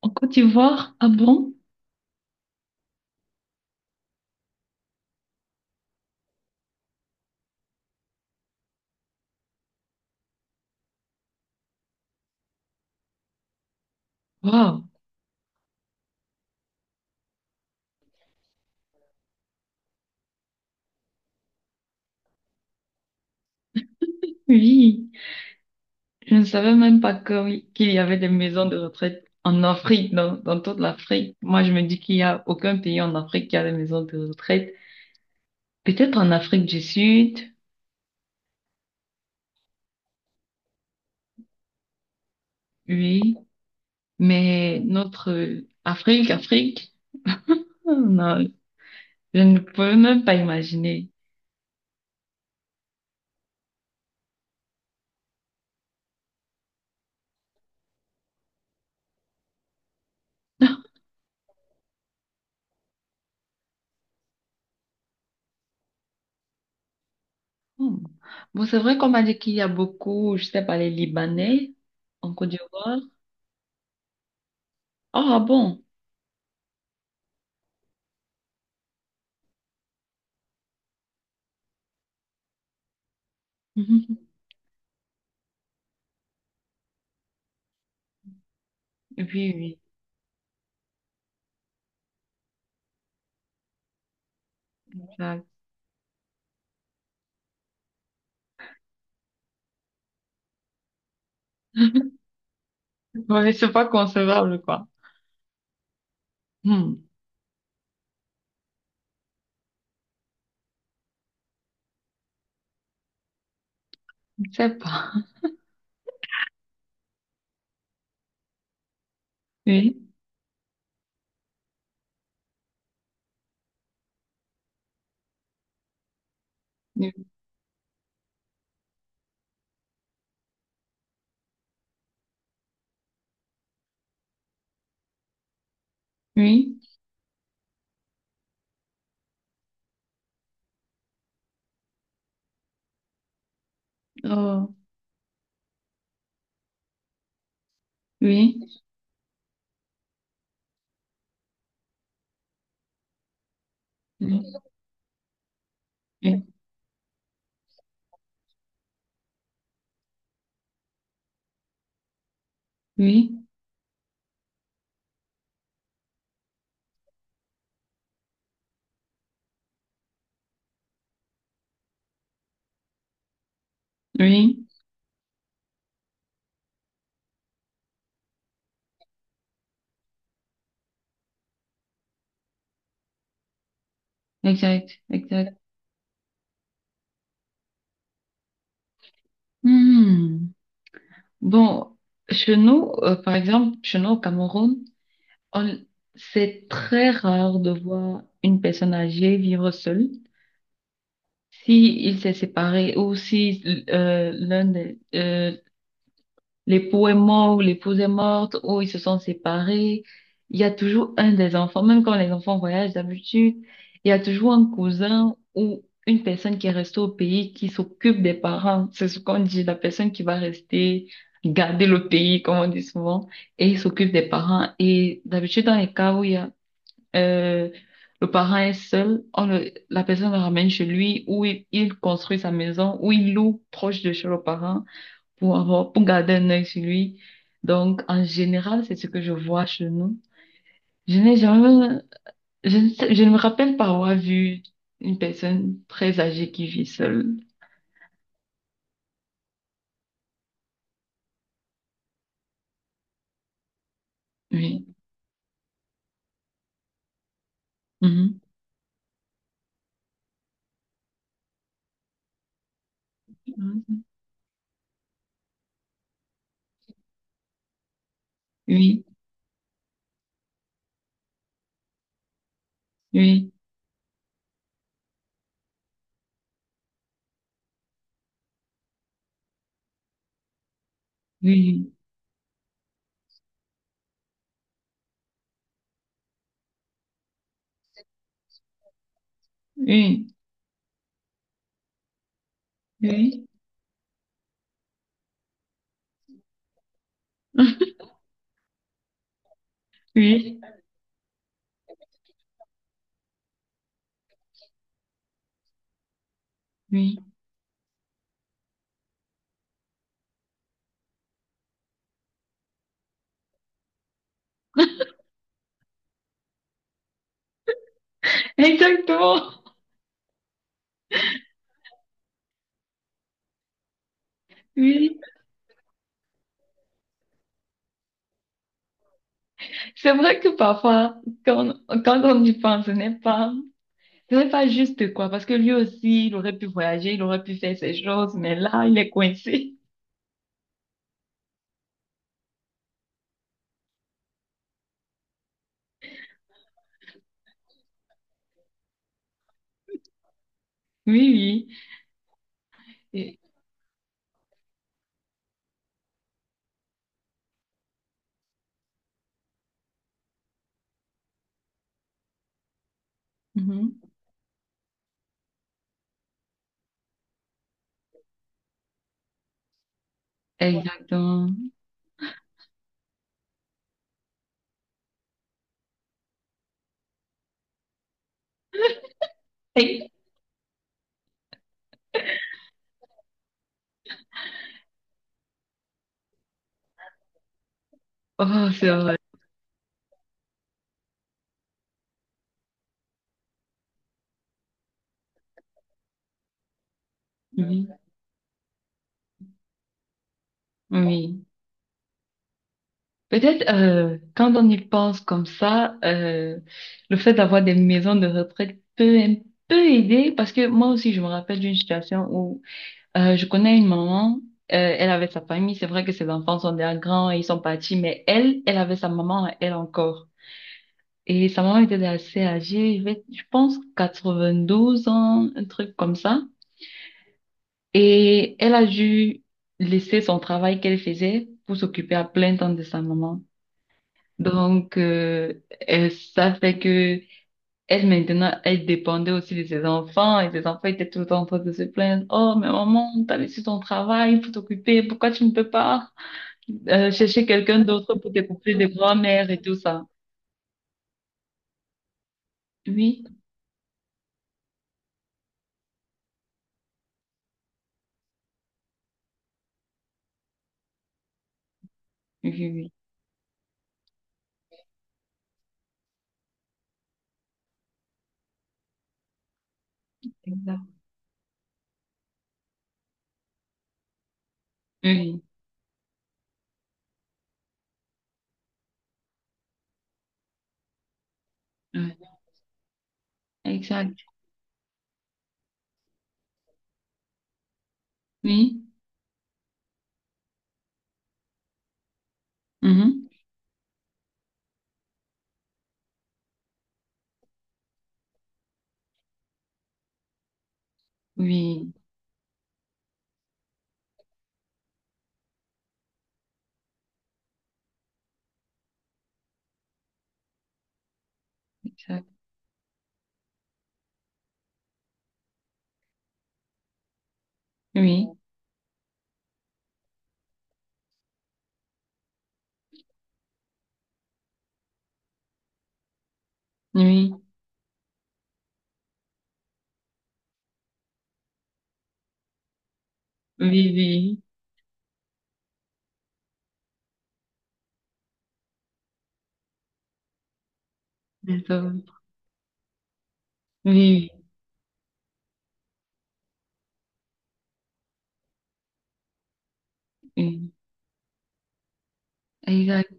En Côte d'Ivoire? Ah bon? Waouh! Oui, je ne savais même pas que, oui, qu'il y avait des maisons de retraite en Afrique, dans toute l'Afrique. Moi, je me dis qu'il n'y a aucun pays en Afrique qui a des maisons de retraite. Peut-être en Afrique du Sud, oui, mais notre Afrique, Afrique, oh non, je ne peux même pas imaginer. Hmm. Bon, c'est vrai qu'on m'a dit qu'il y a beaucoup, je sais pas, les Libanais en Côte d'Ivoire. Oh, ah bon? Oui, oui. Là. Ouais, c'est pas concevable, quoi. Hmm. Je sais pas. Oui, oui, oui, oh, oui, oui, oui, oui, oui. Exact, exact. Hmm. Bon, chez nous, par exemple, chez nous au Cameroun, on, c'est très rare de voir une personne âgée vivre seule. Si il s'est séparé ou si l'un l'époux est mort ou l'épouse est morte ou ils se sont séparés. Il y a toujours un des enfants, même quand les enfants voyagent d'habitude, il y a toujours un cousin ou une personne qui est restée au pays qui s'occupe des parents. C'est ce qu'on dit, la personne qui va rester garder le pays, comme on dit souvent, et il s'occupe des parents. Et d'habitude, dans les cas où il y a, euh, le parent est seul, la personne le ramène chez lui, où il construit sa maison, où il loue proche de chez le parent pour avoir, pour garder un œil sur lui. Donc, en général, c'est ce que je vois chez nous. Je n'ai jamais, je ne me rappelle pas avoir vu une personne très âgée qui vit seule. Oui. Mhm. Oui, oui, oui, oui, oui, oui, oui. Exactement. Oui. C'est vrai que parfois, quand, quand on y pense, ce n'est pas juste, quoi, parce que lui aussi, il aurait pu voyager, il aurait pu faire ses choses, mais là, il est coincé. Oui, oui. Et- mhm. Exactement. Et- oh, c'est vrai. Oui, oui. Peut-être quand on y pense comme ça, le fait d'avoir des maisons de retraite peut un peu aider parce que moi aussi, je me rappelle d'une situation où je connais une maman, elle avait sa famille, c'est vrai que ses enfants sont déjà grands et ils sont partis, mais elle, elle avait sa maman, à elle encore. Et sa maman était assez âgée, elle avait, je pense 92 ans, un truc comme ça. Et elle a dû laisser son travail qu'elle faisait pour s'occuper à plein temps de sa maman. Donc, ça fait que elle maintenant, elle dépendait aussi de ses enfants et ses enfants étaient tout le temps en train de se plaindre. Oh, mais maman, t'as laissé ton travail pour t'occuper. Pourquoi tu ne peux pas chercher quelqu'un d'autre pour t'occuper des grands-mères et tout ça? Oui, oui, oui. Oui. Exact. Oui, oui. Exact. Oui. Mhm, oui. Exact. Oui. Oui. Oui. Oui. Oui. D'accord. Oui, oui, oui. Ah, exact.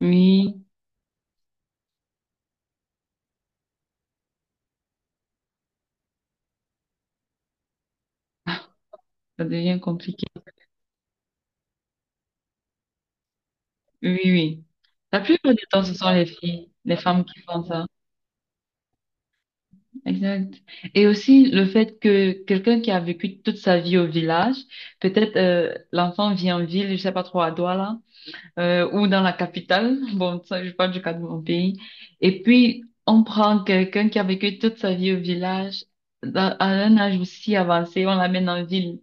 Oui, ça devient compliqué. Oui, oui. La plupart du temps, ce sont les filles, les femmes qui font ça. Exact. Et aussi le fait que quelqu'un qui a vécu toute sa vie au village, peut-être l'enfant vit en ville, je sais pas trop à Douala, ou dans la capitale. Bon, ça, je parle du cas de mon pays. Et puis, on prend quelqu'un qui a vécu toute sa vie au village, dans- à un âge aussi avancé, on l'amène en ville.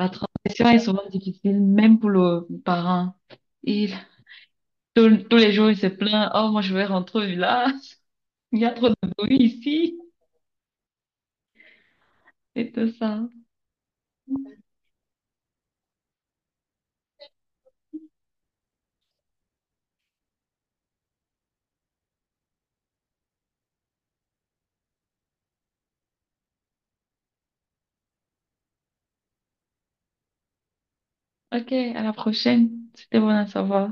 La transition est souvent difficile, même pour le parent. Il, tous les jours, il se plaint, oh, moi, je vais rentrer au village. Il y a trop de bruit ici. Et tout ça. OK, à la prochaine. C'était bon à savoir.